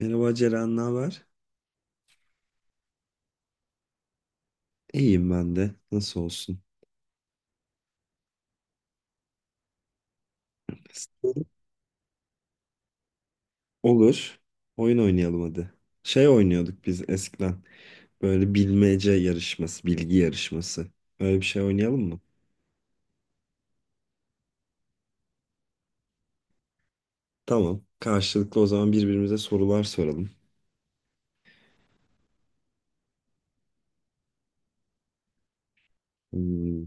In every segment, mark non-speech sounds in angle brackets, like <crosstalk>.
Merhaba Ceren, ne haber? İyiyim ben de. Nasıl olsun? Olur. Oyun oynayalım hadi. Şey oynuyorduk biz eskiden. Böyle bilmece yarışması, bilgi yarışması. Öyle bir şey oynayalım mı? Tamam. Karşılıklı o zaman birbirimize sorular soralım. Hmm,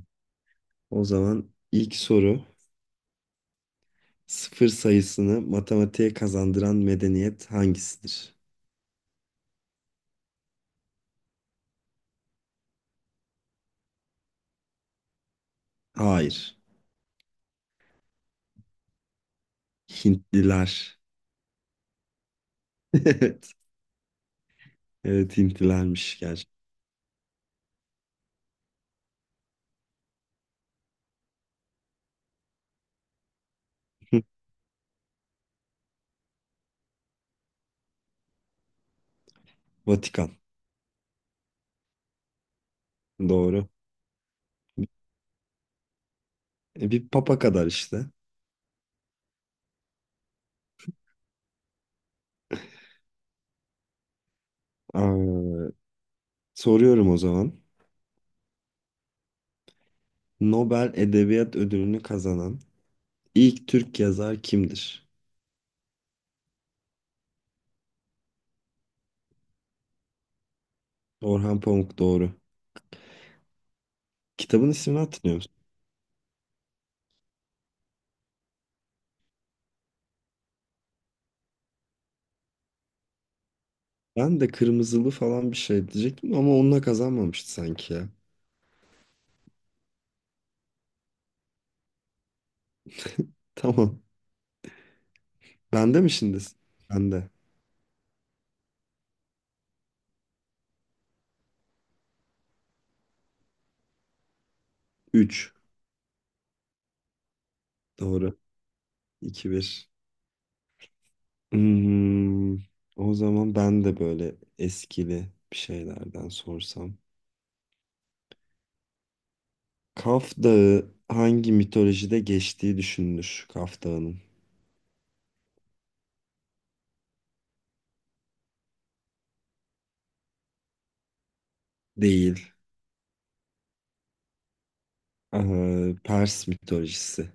O zaman ilk soru. Sıfır sayısını matematiğe kazandıran medeniyet hangisidir? Hayır. Hintliler. <laughs> Evet. Evet Hintlilermiş gerçekten. <laughs> Vatikan. Doğru. Bir papa kadar işte. Aa, soruyorum o zaman. Nobel Edebiyat Ödülü'nü kazanan ilk Türk yazar kimdir? Orhan Pamuk doğru. Kitabın ismini hatırlıyor musun? Ben de Kırmızılı falan bir şey diyecektim ama onunla kazanmamıştı sanki ya. <laughs> Tamam. Bende mi şimdi? Bende. 3. Doğru. 2-1. Hmm, O zaman ben de böyle eskili bir şeylerden sorsam. Kaf Dağı hangi mitolojide geçtiği düşünülür, Kaf Dağı'nın? Değil. Pers mitolojisi.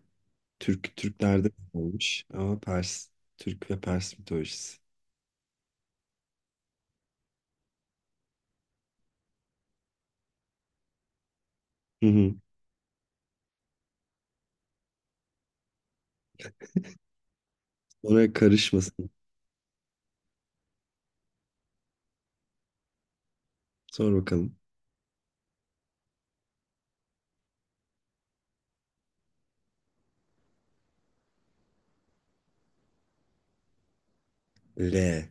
Türklerde olmuş ama Pers. Türk ve Pers mitolojisi. Hı hı. Oraya karışmasın. Sor bakalım. L.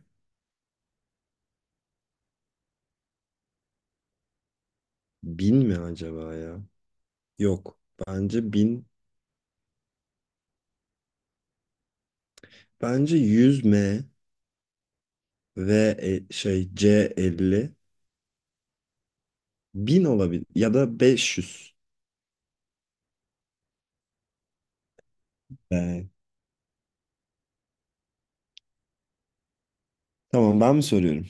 Bin mi acaba ya? Yok. Bence bin. Bence 100 M ve şey, C 50. Bin olabilir. Ya da 500. Ee, Tamam, ben mi soruyorum?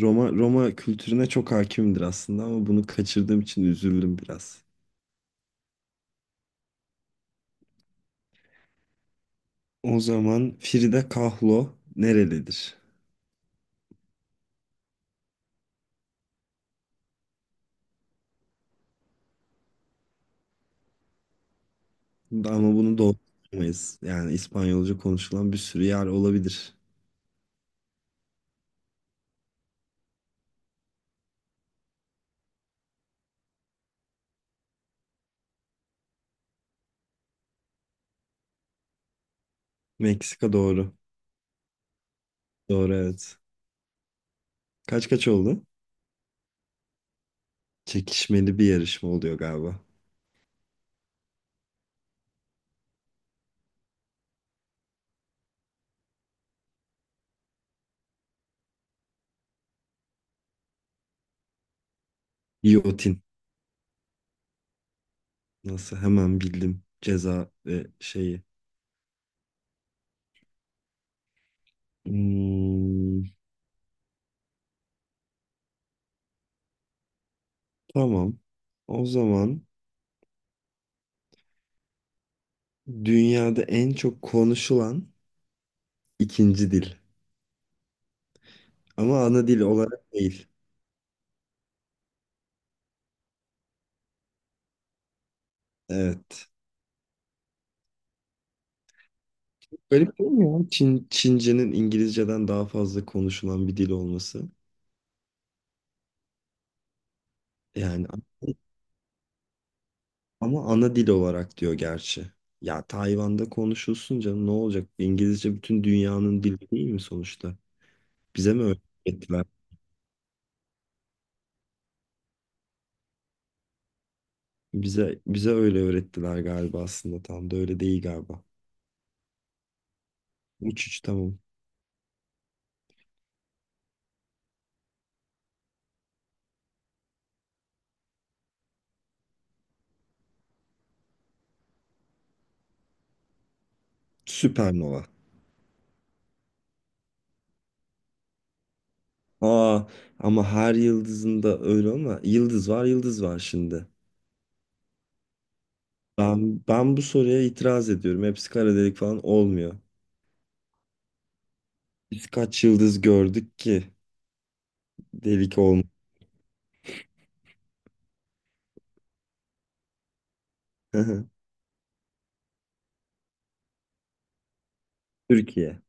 Roma kültürüne çok hakimdir aslında ama bunu kaçırdığım için üzüldüm biraz. O zaman Frida Kahlo nerelidir? Ama bunu doğru bilemeyiz. Yani İspanyolca konuşulan bir sürü yer olabilir. Meksika doğru. Doğru, evet. Kaç kaç oldu? Çekişmeli bir yarışma oluyor galiba. Giyotin. Nasıl hemen bildim ceza ve şeyi. Hmm, tamam. O zaman dünyada en çok konuşulan ikinci dil. Ama ana dil olarak değil. Evet. Garip değil mi ya? Çince'nin İngilizce'den daha fazla konuşulan bir dil olması. Yani ama ana dil olarak diyor gerçi. Ya Tayvan'da konuşulsun canım, ne olacak? İngilizce bütün dünyanın dili değil mi sonuçta? Bize mi öğrettiler? Bize öyle öğrettiler galiba, aslında tam da öyle değil galiba. 3-3, tamam. Süpernova. Aa, ama her yıldızında öyle ama yıldız var, yıldız var şimdi. Ben bu soruya itiraz ediyorum. Hepsi kara delik falan olmuyor. Biz kaç yıldız gördük ki delik olmuyor. <laughs> Türkiye.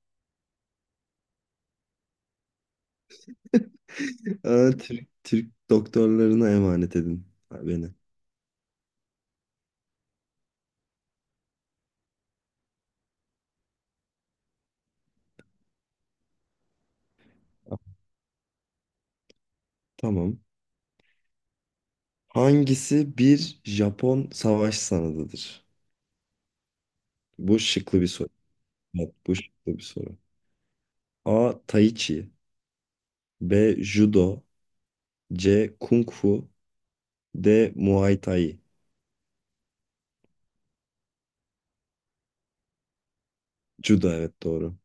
Aa, Türk, Türk doktorlarına emanet edin beni. Tamam. Hangisi bir Japon savaş sanatıdır? Bu şıklı bir soru. Evet, bu şıklı bir soru. A. Tai Chi, B. Judo, C. Kung Fu, D. Muay Thai. Judo, evet, doğru.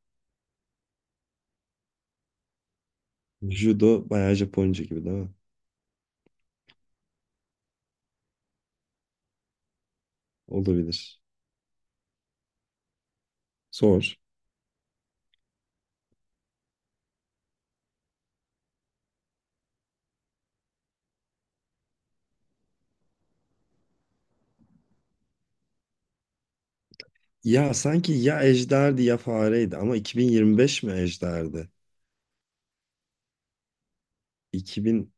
Judo bayağı Japonca gibi değil mi? Olabilir. Sor. Ya sanki ya ejderdi ya fareydi ama 2025 mi ejderdi? 2000,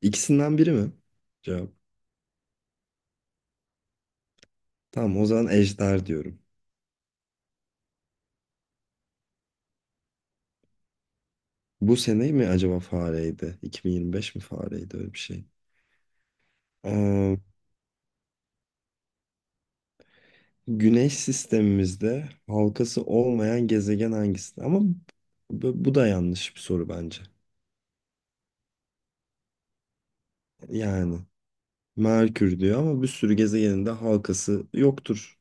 ikisinden biri mi? Cevap. Tamam, o zaman ejder diyorum. Bu sene mi acaba fareydi? 2025 mi fareydi, öyle bir şey. Ee, Güneş sistemimizde halkası olmayan gezegen hangisi? Ama bu da yanlış bir soru bence. Yani Merkür diyor ama bir sürü gezegenin de halkası yoktur.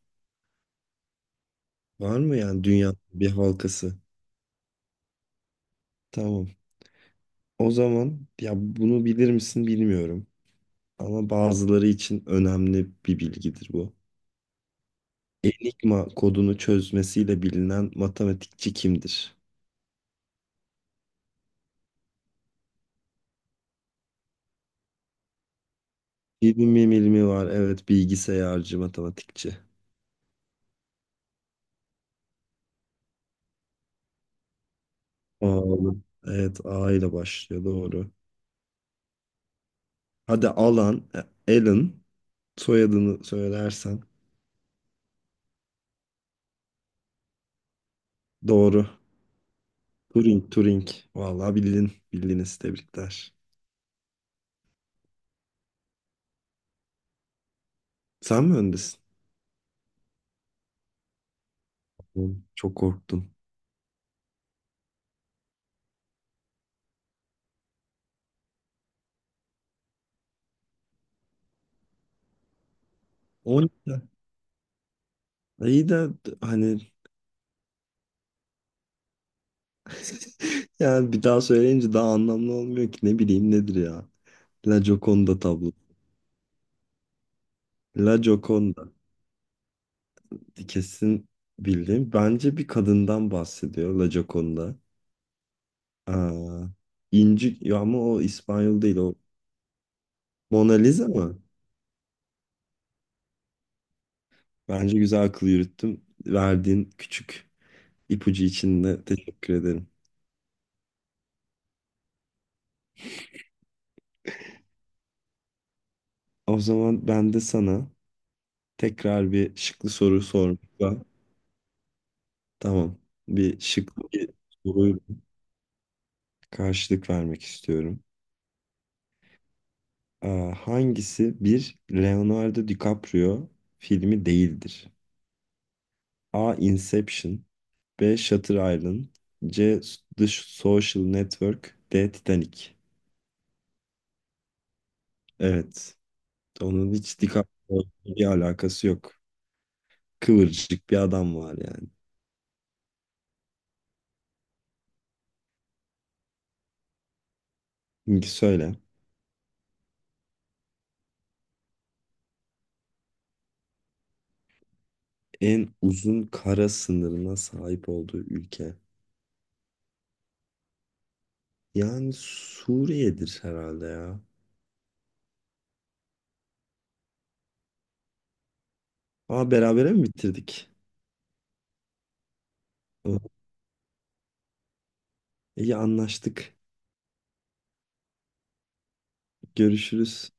Var mı yani dünyanın bir halkası? Tamam. O zaman ya bunu bilir misin bilmiyorum ama bazıları için önemli bir bilgidir bu. Enigma kodunu çözmesiyle bilinen matematikçi kimdir? Hilmi Milmi var. Evet, bilgisayarcı matematikçi. Oğlum. Evet, A ile başlıyor, doğru. Hadi Alan, Alan, soyadını söylersen doğru. Turing, Turing. Vallahi bildin. Bildiniz, tebrikler. Sen mi öndesin? Oğlum, çok korktum. 12. İyi de hani, yani bir daha söyleyince daha anlamlı olmuyor ki. Ne bileyim nedir ya. La Gioconda tablo. La Gioconda. Kesin bildim. Bence bir kadından bahsediyor La Gioconda. Aa, İnci ya, ama o İspanyol değil o. Mona Lisa mı? Bence güzel akıl yürüttüm. Verdiğin küçük ipucu için de teşekkür ederim. O zaman ben de sana tekrar bir şıklı soru sormakla, tamam. Bir şıklı bir soruyu karşılık vermek istiyorum. Ee, Hangisi bir Leonardo DiCaprio filmi değildir? A. Inception, B. Shutter Island, C. The Social Network, D. Titanic. Evet. Onun hiç DiCaprio bir alakası yok. Kıvırcık bir adam var yani. Şimdi söyle. En uzun kara sınırına sahip olduğu ülke. Yani Suriye'dir herhalde ya. Aa, berabere mi bitirdik? Oh, İyi anlaştık. Görüşürüz.